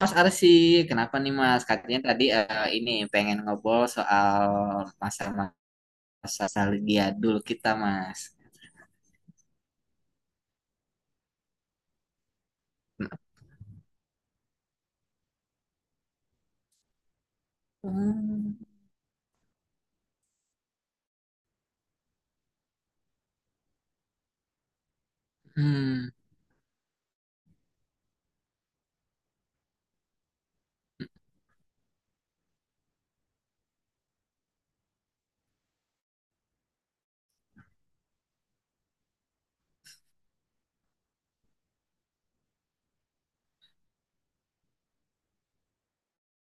Mas Arsi, kenapa nih Mas? Katanya tadi ini pengen ngobrol soal masa-masa nostalgia dulu kita Mas. Hmm, hmm.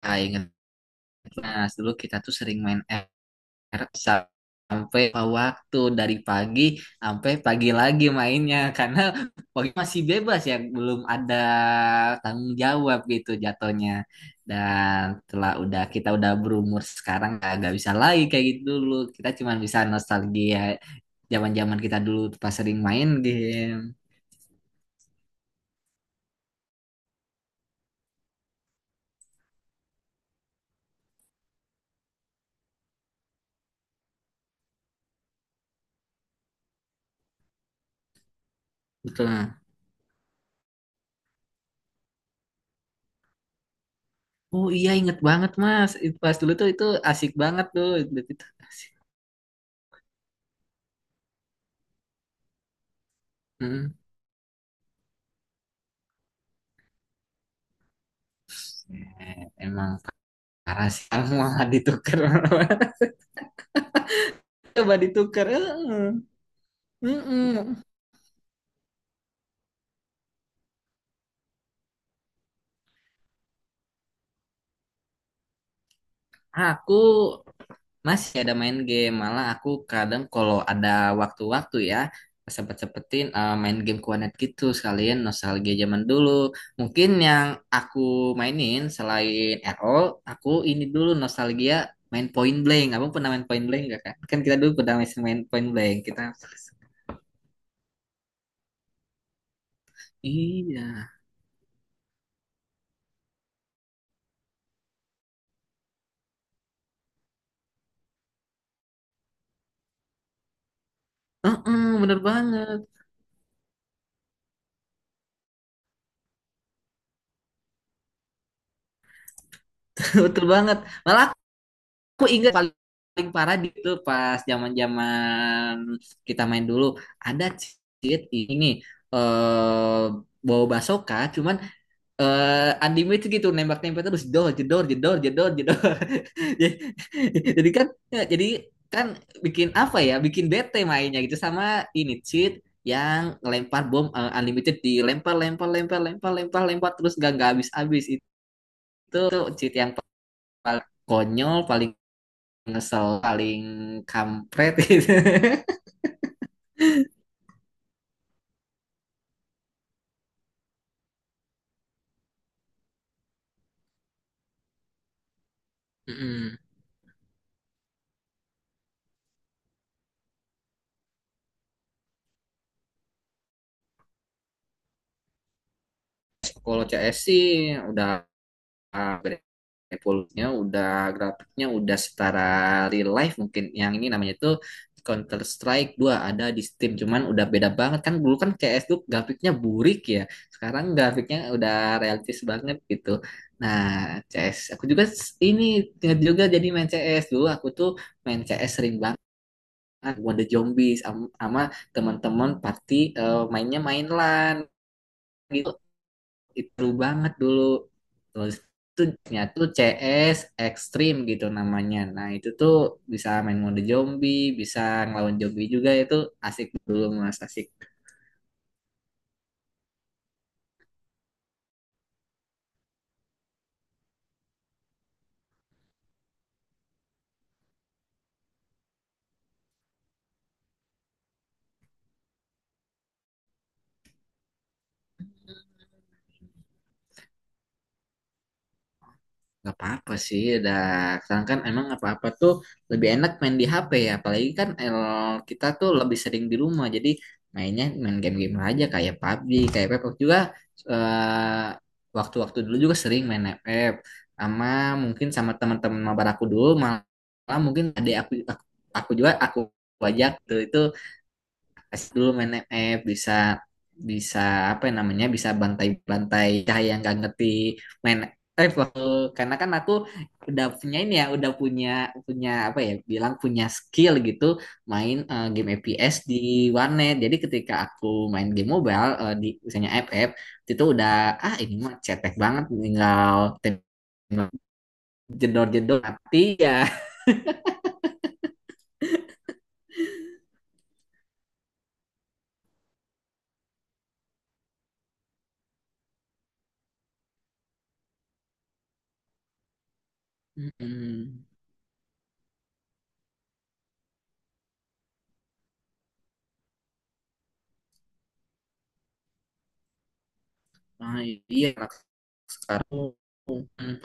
Ah, ingat Mas, dulu kita tuh sering main Harap sampai waktu dari pagi sampai pagi lagi mainnya karena pagi masih bebas ya belum ada tanggung jawab gitu jatuhnya. Dan telah udah kita udah berumur sekarang, nggak bisa lagi kayak gitu. Dulu kita cuma bisa nostalgia zaman-zaman kita dulu pas sering main game. Betul. Nah, oh iya inget banget Mas. Itu pas dulu tuh itu asik banget tuh, itu asik. Hmm. Eh, emang parah sih mau ditukar. Coba ditukar. Heeh. Mm-mm. Aku masih ada main game, malah aku kadang kalau ada waktu-waktu ya sempet-sempetin main game Kuanet gitu sekalian nostalgia zaman dulu. Mungkin yang aku mainin selain RO, aku ini dulu nostalgia main Point Blank. Abang pernah main Point Blank gak kan? Kan kita dulu pernah main main Point Blank. Kita iya. Heeh, bener banget. Betul banget. Malah aku ingat paling paling parah itu pas zaman-zaman kita main dulu ada cheat ini eh bawa basoka cuman unlimited gitu nembak-nembak terus jedor jedor jedor jedor jedor. jadi jadi kan jadi kan bikin apa ya, bikin bete mainnya gitu, sama ini cheat yang lempar bom, unlimited, dilempar lempar lempar lempar lempar lempar terus gak nggak habis habis itu. Itu cheat yang paling konyol, paling ngesel, paling kampret gitu. Mm-mm. Kalau CS sih udah uh, evolusinya, udah grafiknya udah setara real life mungkin. Yang ini namanya itu Counter Strike 2 ada di Steam, cuman udah beda banget kan. Dulu kan CS tuh grafiknya burik ya. Sekarang grafiknya udah realistis banget gitu. Nah, CS aku juga ini ingat juga jadi main CS dulu. Aku tuh main CS sering banget Wonder Zombies sama teman-teman party, mainnya main LAN gitu. Itu seru banget dulu. Terus itu tuh CS Extreme gitu namanya. Nah itu tuh bisa main mode zombie, bisa ngelawan zombie juga. Itu asik dulu Mas, asik. Gak apa-apa sih, udah sekarang kan emang apa-apa tuh lebih enak main di HP ya, apalagi kan el, kita tuh lebih sering di rumah, jadi mainnya main game-game aja kayak PUBG, kayak Pepak juga, eh, waktu-waktu dulu juga sering main FF, sama mungkin sama teman-teman mabar aku dulu. Malah mungkin ada aku ajak tuh itu Kasih dulu main MF, bisa bisa apa ya namanya, bisa bantai-bantai cahaya yang gak ngerti main, eh waktu karena kan aku udah punya ini ya, udah punya punya apa ya bilang, punya skill gitu main game FPS di warnet. Jadi ketika aku main game mobile, di misalnya FF, itu udah ah ini mah cetek banget, tinggal tembak jedor-jedor mati ya. Mm-mm. Nah, iya anak sekarang. Hmm,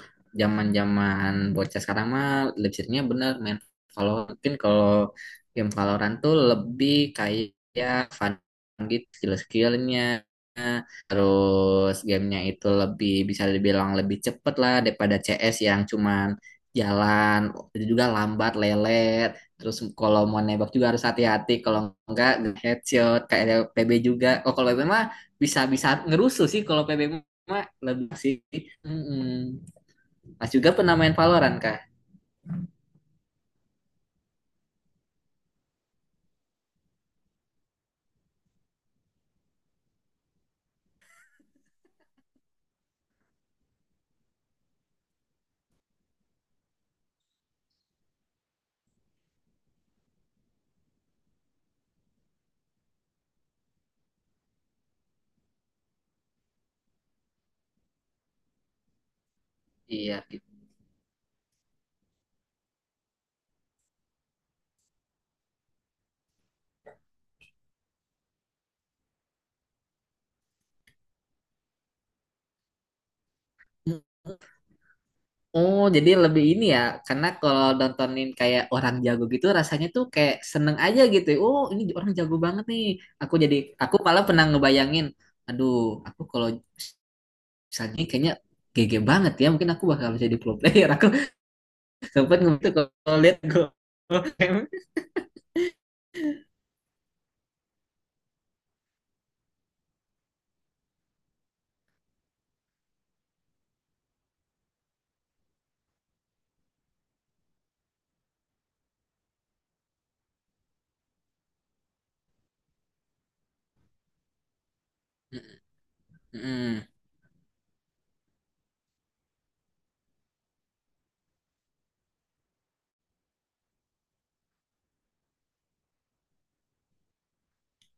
zaman-zaman bocah sekarang mah lebih seringnya bener main Valorant. Mungkin kalau game Valorant tuh lebih kayak fun gitu skill-skillnya. Terus gamenya itu lebih bisa dibilang lebih cepet lah daripada CS yang cuman jalan. Itu juga lambat lelet. Terus kalau mau nembak juga harus hati-hati kalau enggak headshot kayak PB juga. Oh kalau PB mah bisa bisa ngerusuh sih. Kalau PB mah lebih sih. Mm-mm. Mas juga pernah main Valorant kah? Iya gitu. Oh, jadi lebih ini ya, karena kalau nontonin kayak orang jago gitu rasanya tuh kayak seneng aja gitu. Ya. Oh, ini orang jago banget nih. Aku jadi aku malah pernah ngebayangin, aduh, aku kalau misalnya ini kayaknya GG banget ya, mungkin aku bakal jadi pro player. Aku sempet ngebetul kalau lihat gue.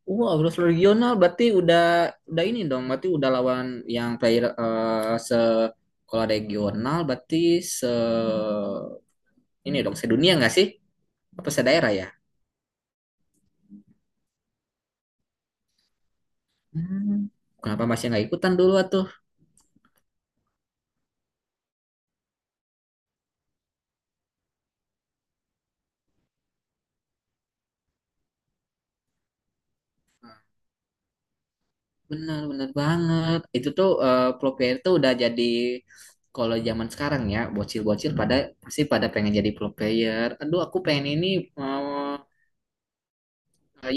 Wow, terus regional berarti udah ini dong, berarti udah lawan yang player, se kalau regional berarti se ini dong sedunia nggak sih? Apa sedaerah ya? Hmm, kenapa masih nggak ikutan dulu atuh? Benar-benar banget. Itu tuh pro player tuh udah jadi, kalau zaman sekarang ya bocil-bocil pada pasti pada pengen jadi pro player. Aduh, aku pengen ini, mau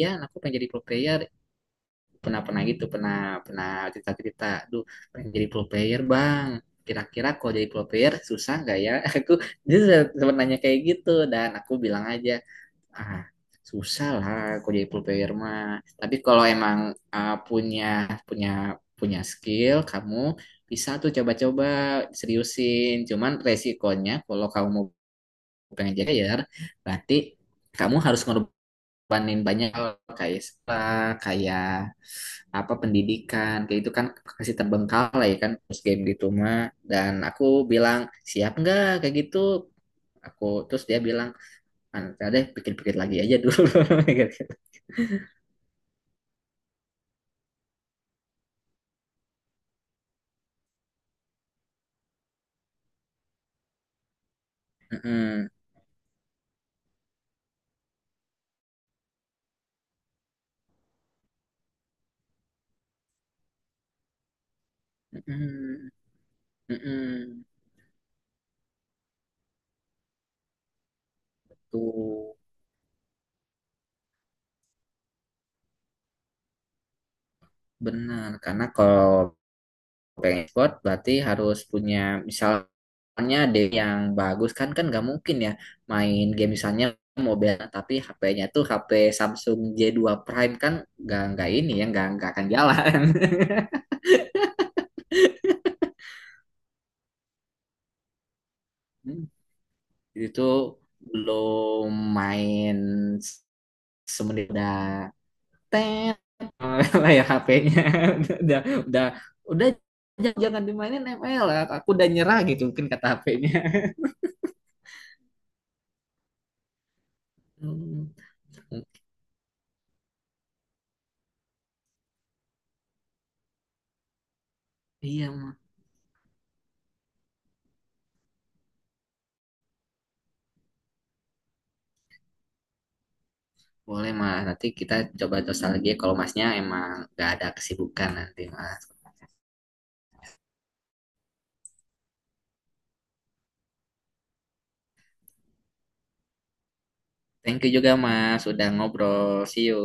ya, aku pengen jadi pro player. Pernah pernah gitu pernah pernah cerita cerita, duh pengen jadi pro player bang, kira-kira kalau jadi pro player susah nggak ya. Aku dia sempat nanya kayak gitu dan aku bilang aja, ah susah lah kalau jadi pro player mah. Tapi kalau emang punya punya punya skill kamu, bisa tuh coba-coba seriusin. Cuman resikonya kalau kamu mau pengen jadi player, berarti kamu harus ngorbanin banyak hal kayak sekolah, kayak apa pendidikan, kayak itu kan kasih terbengkalai ya kan, terus game gitu mah. Dan aku bilang siap nggak kayak gitu aku. Terus dia bilang, "Ah, nanti deh pikir-pikir lagi aja dulu." Gitu. Mm, mm, mm, tuh benar. Karena kalau pengen sport berarti harus punya, misalnya ada yang bagus kan, kan nggak mungkin ya main game misalnya mobil tapi HP-nya tuh HP Samsung J2 Prime kan, nggak ini ya, nggak akan jalan. Hmm. Itu belum main s- semenit udah tet. Layar HP-nya udah udah udah jangan, jangan dimainin ML, aku udah nyerah gitu mungkin kata HP-nya. Hmm, iya mah boleh mah nanti kita coba lagi ya. Kalau masnya emang gak ada kesibukan nanti Mas. Thank you juga Mas sudah ngobrol. See you.